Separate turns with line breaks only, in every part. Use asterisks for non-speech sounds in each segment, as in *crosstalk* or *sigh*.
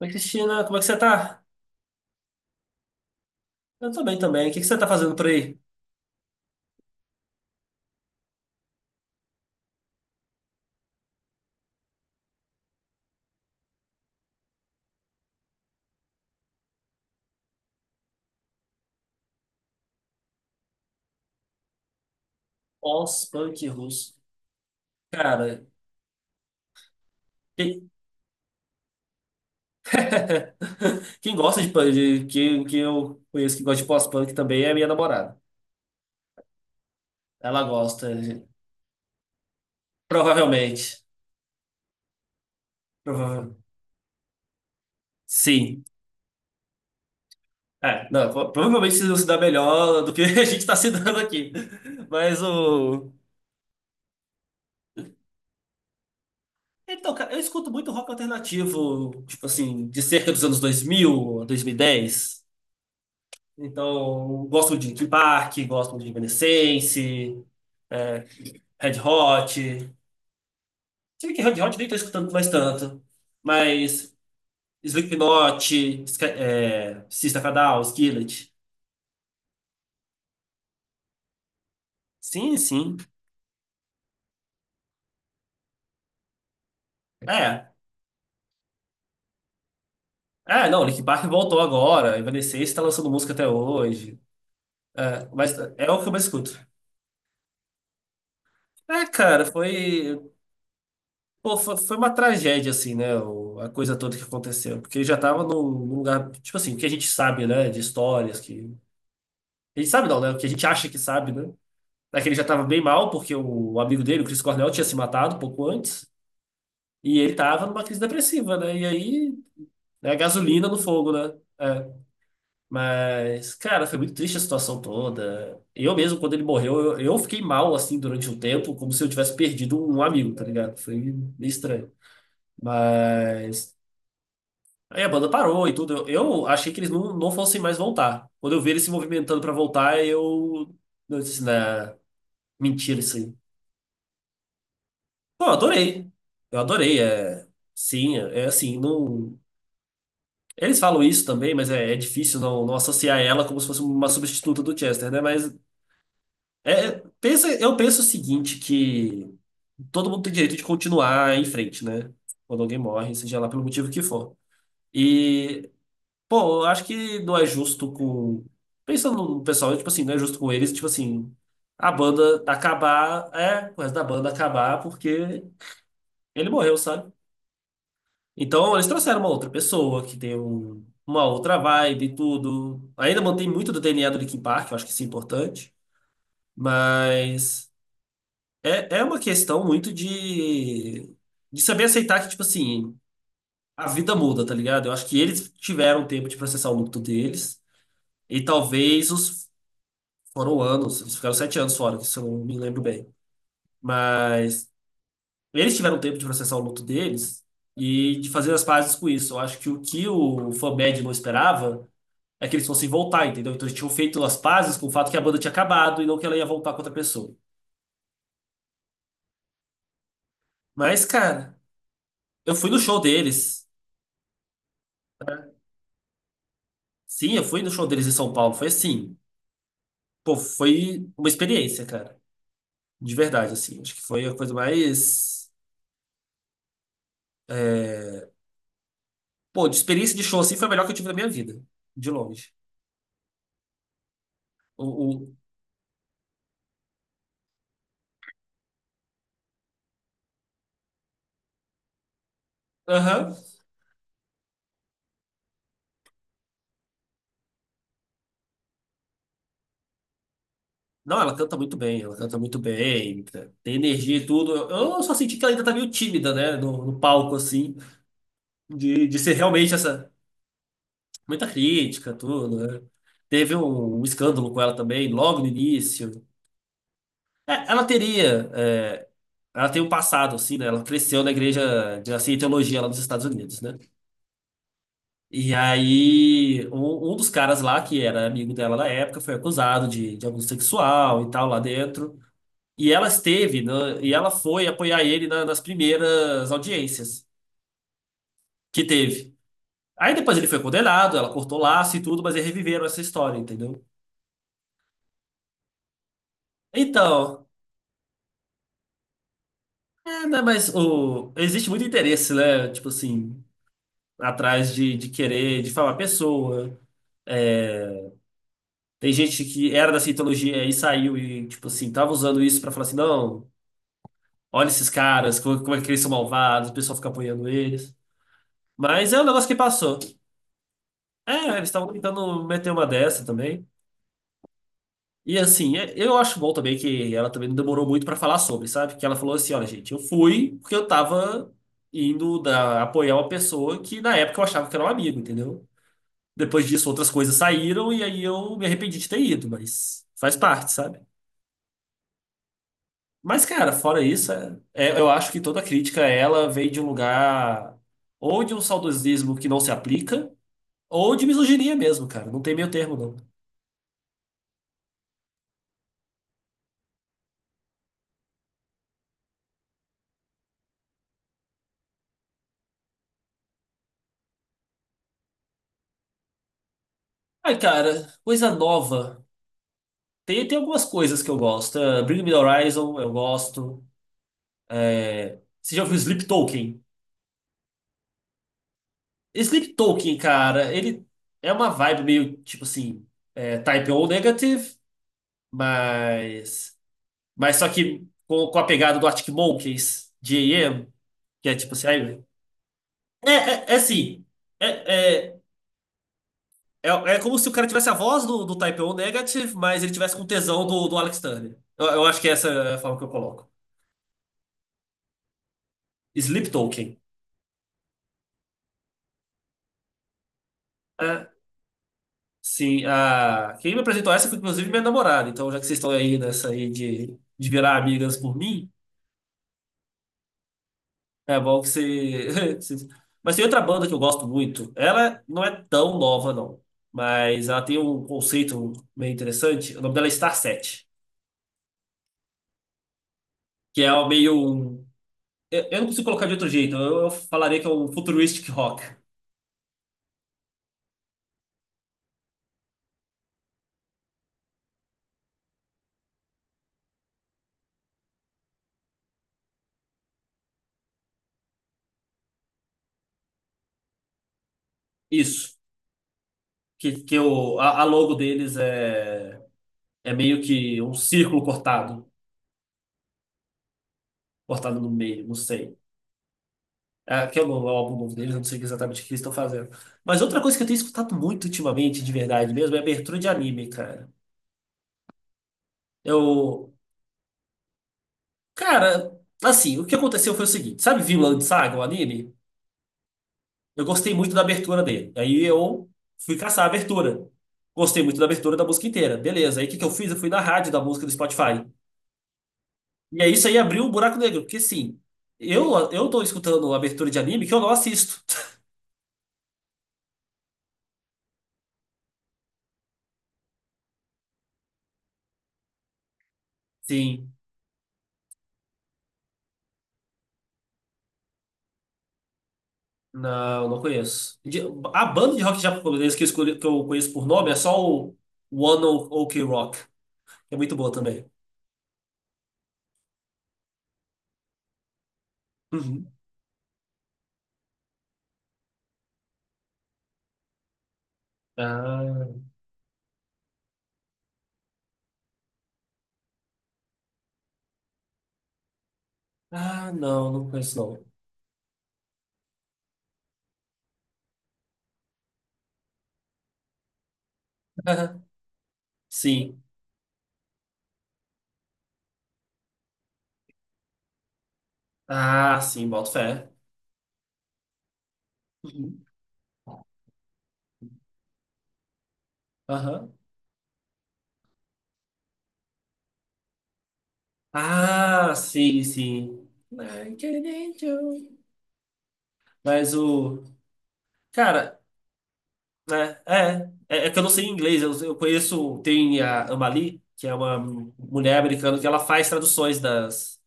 Oi, Cristina, como é que você tá? Eu tô bem também. O que que você tá fazendo por aí? Pós-punk russo. Cara, quem, *laughs* quem gosta de punk, que eu conheço que gosta de pós-punk também é a minha namorada. Ela gosta, de- provavelmente. Prova- Sim. É, não, pro- Provavelmente vocês vão se dar melhor do que *laughs* a gente tá se dando aqui. Mas o. Então, cara, eu escuto muito rock alternativo, tipo assim, de cerca dos anos 2000, 2010. Então, gosto de Linkin Park, gosto de Evanescence, Red Hot. Se que Red Hot nem tô escutando mais tanto. Mas Slipknot, é, System of a Down, Skillet. Sim, sim. É. É, não, Linkin Park voltou agora. Evanescence tá lançando música até hoje. É, mas é o que eu mais escuto. É, cara, foi, Pô, foi uma tragédia, assim, né? O- a coisa toda que aconteceu. Porque já tava num lugar, tipo assim, o que a gente sabe, né? De histórias que ele sabe não, né? O que a gente acha que sabe, né? É que ele já tava bem mal, porque o amigo dele, o Chris Cornell, tinha se matado pouco antes. E ele tava numa crise depressiva, né? E aí, né, gasolina no fogo, né? É. Mas, cara, foi muito triste a situação toda. Eu mesmo, quando ele morreu, eu fiquei mal, assim, durante um tempo, como se eu tivesse perdido um amigo, tá ligado? Foi meio estranho. Mas. Aí a banda parou e tudo. Eu achei que eles não fossem mais voltar. Quando eu vi eles se movimentando pra voltar, eu. Eu disse, né? Mentira, isso aí. Pô, eu adorei. Eu adorei. É, sim, é assim, não. Eles falam isso também, mas é, é difícil não associar ela como se fosse uma substituta do Chester, né? Mas pensa, eu penso o seguinte, que todo mundo tem direito de continuar em frente, né? Quando alguém morre, seja lá pelo motivo que for. E, pô, eu acho que não é justo com. Pensando no pessoal, tipo assim, não é justo com eles, tipo assim, a banda acabar, é, o resto da banda acabar porque ele morreu, sabe? Então, eles trouxeram uma outra pessoa que tem um- uma outra vibe e tudo. Ainda mantém muito do DNA do Linkin Park, eu acho que isso é importante. Mas é, é uma questão muito de saber aceitar que, tipo assim, a vida muda, tá ligado? Eu acho que eles tiveram tempo de processar o luto deles. E talvez os. Foram anos, eles ficaram 7 anos fora, se eu não me lembro bem. Mas eles tiveram tempo de processar o luto deles e de fazer as pazes com isso. Eu acho que o Forbad não esperava é que eles fossem voltar, entendeu? Então eles tinham feito as pazes com o fato que a banda tinha acabado e não que ela ia voltar com outra pessoa. Mas, cara, eu fui no show deles. Sim, eu fui no show deles em São Paulo. Foi assim. Pô, foi uma experiência, cara. De verdade, assim. Acho que foi a coisa mais. Pô, de experiência de show assim foi a melhor que eu tive na minha vida. De longe. O, o... Aham. Não, ela canta muito bem, ela canta muito bem, tá? Tem energia e tudo. Eu só senti que ela ainda tá meio tímida, né? No palco, assim, de ser realmente essa. Muita crítica, tudo, né? Teve um escândalo com ela também, logo no início. É, ela teria, é, ela tem um passado, assim, né? Ela cresceu na igreja de assim, teologia lá nos Estados Unidos, né? E aí, um dos caras lá, que era amigo dela na época, foi acusado de abuso sexual e tal lá dentro. E ela esteve, né? E ela foi apoiar ele na- nas primeiras audiências que teve. Aí depois ele foi condenado, ela cortou laço e tudo, mas eles reviveram essa história, entendeu? Então, é, né, mas o, existe muito interesse, né? Tipo assim, atrás de querer difamar a pessoa. É, tem gente que era da cientologia e saiu e, tipo assim, tava usando isso pra falar assim, não, olha esses caras, como é que eles são malvados, o pessoal fica apoiando eles. Mas é um negócio que passou. É, eles estavam tentando meter uma dessa também. E assim, é- eu acho bom também que ela também não demorou muito pra falar sobre, sabe? Que ela falou assim: olha, gente, eu fui porque eu tava indo da- apoiar uma pessoa que na época eu achava que era um amigo, entendeu? Depois disso, outras coisas saíram e aí eu me arrependi de ter ido, mas faz parte, sabe? Mas, cara, fora isso, eu acho que toda crítica a ela veio de um lugar ou de um saudosismo que não se aplica, ou de misoginia mesmo, cara. Não tem meio termo, não. Ai, cara, coisa nova. Tem algumas coisas que eu gosto. Ah, Bring Me the Horizon, eu gosto. É, você já ouviu Sleep Token? Sleep Token, cara, ele é uma vibe meio tipo assim, é, Type O Negative, mas. Mas só que com a pegada do Arctic Monkeys, de AM, que é tipo assim. É, é assim. É, é, é, é como se o cara tivesse a voz do Type O Negative, mas ele tivesse com tesão do Alex Turner. Eu acho que essa é a forma que eu coloco. Sleep Token. Sim, a... quem me apresentou essa foi inclusive minha namorada. Então, já que vocês estão aí nessa aí de virar amigas por mim, é bom que você. *laughs* você- Mas tem outra banda que eu gosto muito. Ela não é tão nova, não. Mas ela tem um conceito meio interessante. O nome dela é Star Set, que é o meio. Um- eu não consigo colocar de outro jeito. Eu falaria que é um futuristic rock. Isso. A logo deles é, é meio que um círculo cortado, cortado no meio, não sei. Ah, que é o novo é o álbum novo deles, eu não sei exatamente o que eles estão fazendo. Mas outra coisa que eu tenho escutado muito ultimamente, de verdade mesmo, é abertura de anime, cara. Eu. Cara, assim, o que aconteceu foi o seguinte: sabe Vinland Saga, o anime? Eu gostei muito da abertura dele. Aí eu fui caçar a abertura. Gostei muito da abertura da música inteira. Beleza. Aí o que que eu fiz? Eu fui na rádio da música do Spotify. E aí isso aí abriu um buraco negro, porque sim, eu tô escutando abertura de anime que eu não assisto. *laughs* Sim. Não, não conheço. De- a banda de rock japonês que eu, escolhi, que eu conheço por nome é só o One Ok Rock, que é muito boa também. Uhum. Ah, não, não conheço não. *laughs* Sim. Ah, sim, boto fé. Uhum. Aham. Ah, sim, sim. Like an angel. Mas o. Cara, né? É. É, é que eu não sei inglês. Eu conheço. Tem a Amali, que é uma mulher americana que ela faz traduções das.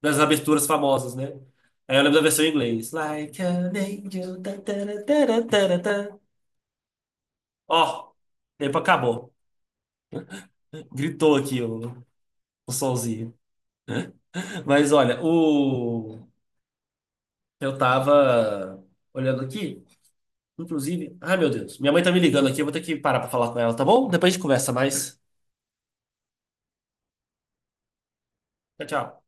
Das aberturas famosas, né? Aí eu lembro da versão em inglês. Like an angel. Tá, tá, tá. Ó, tempo acabou. Gritou aqui o sonzinho. Mas olha, o eu tava olhando aqui, inclusive. Ai, meu Deus, minha mãe tá me ligando aqui, eu vou ter que parar pra falar com ela, tá bom? Depois a gente conversa mais. Tchau, tchau.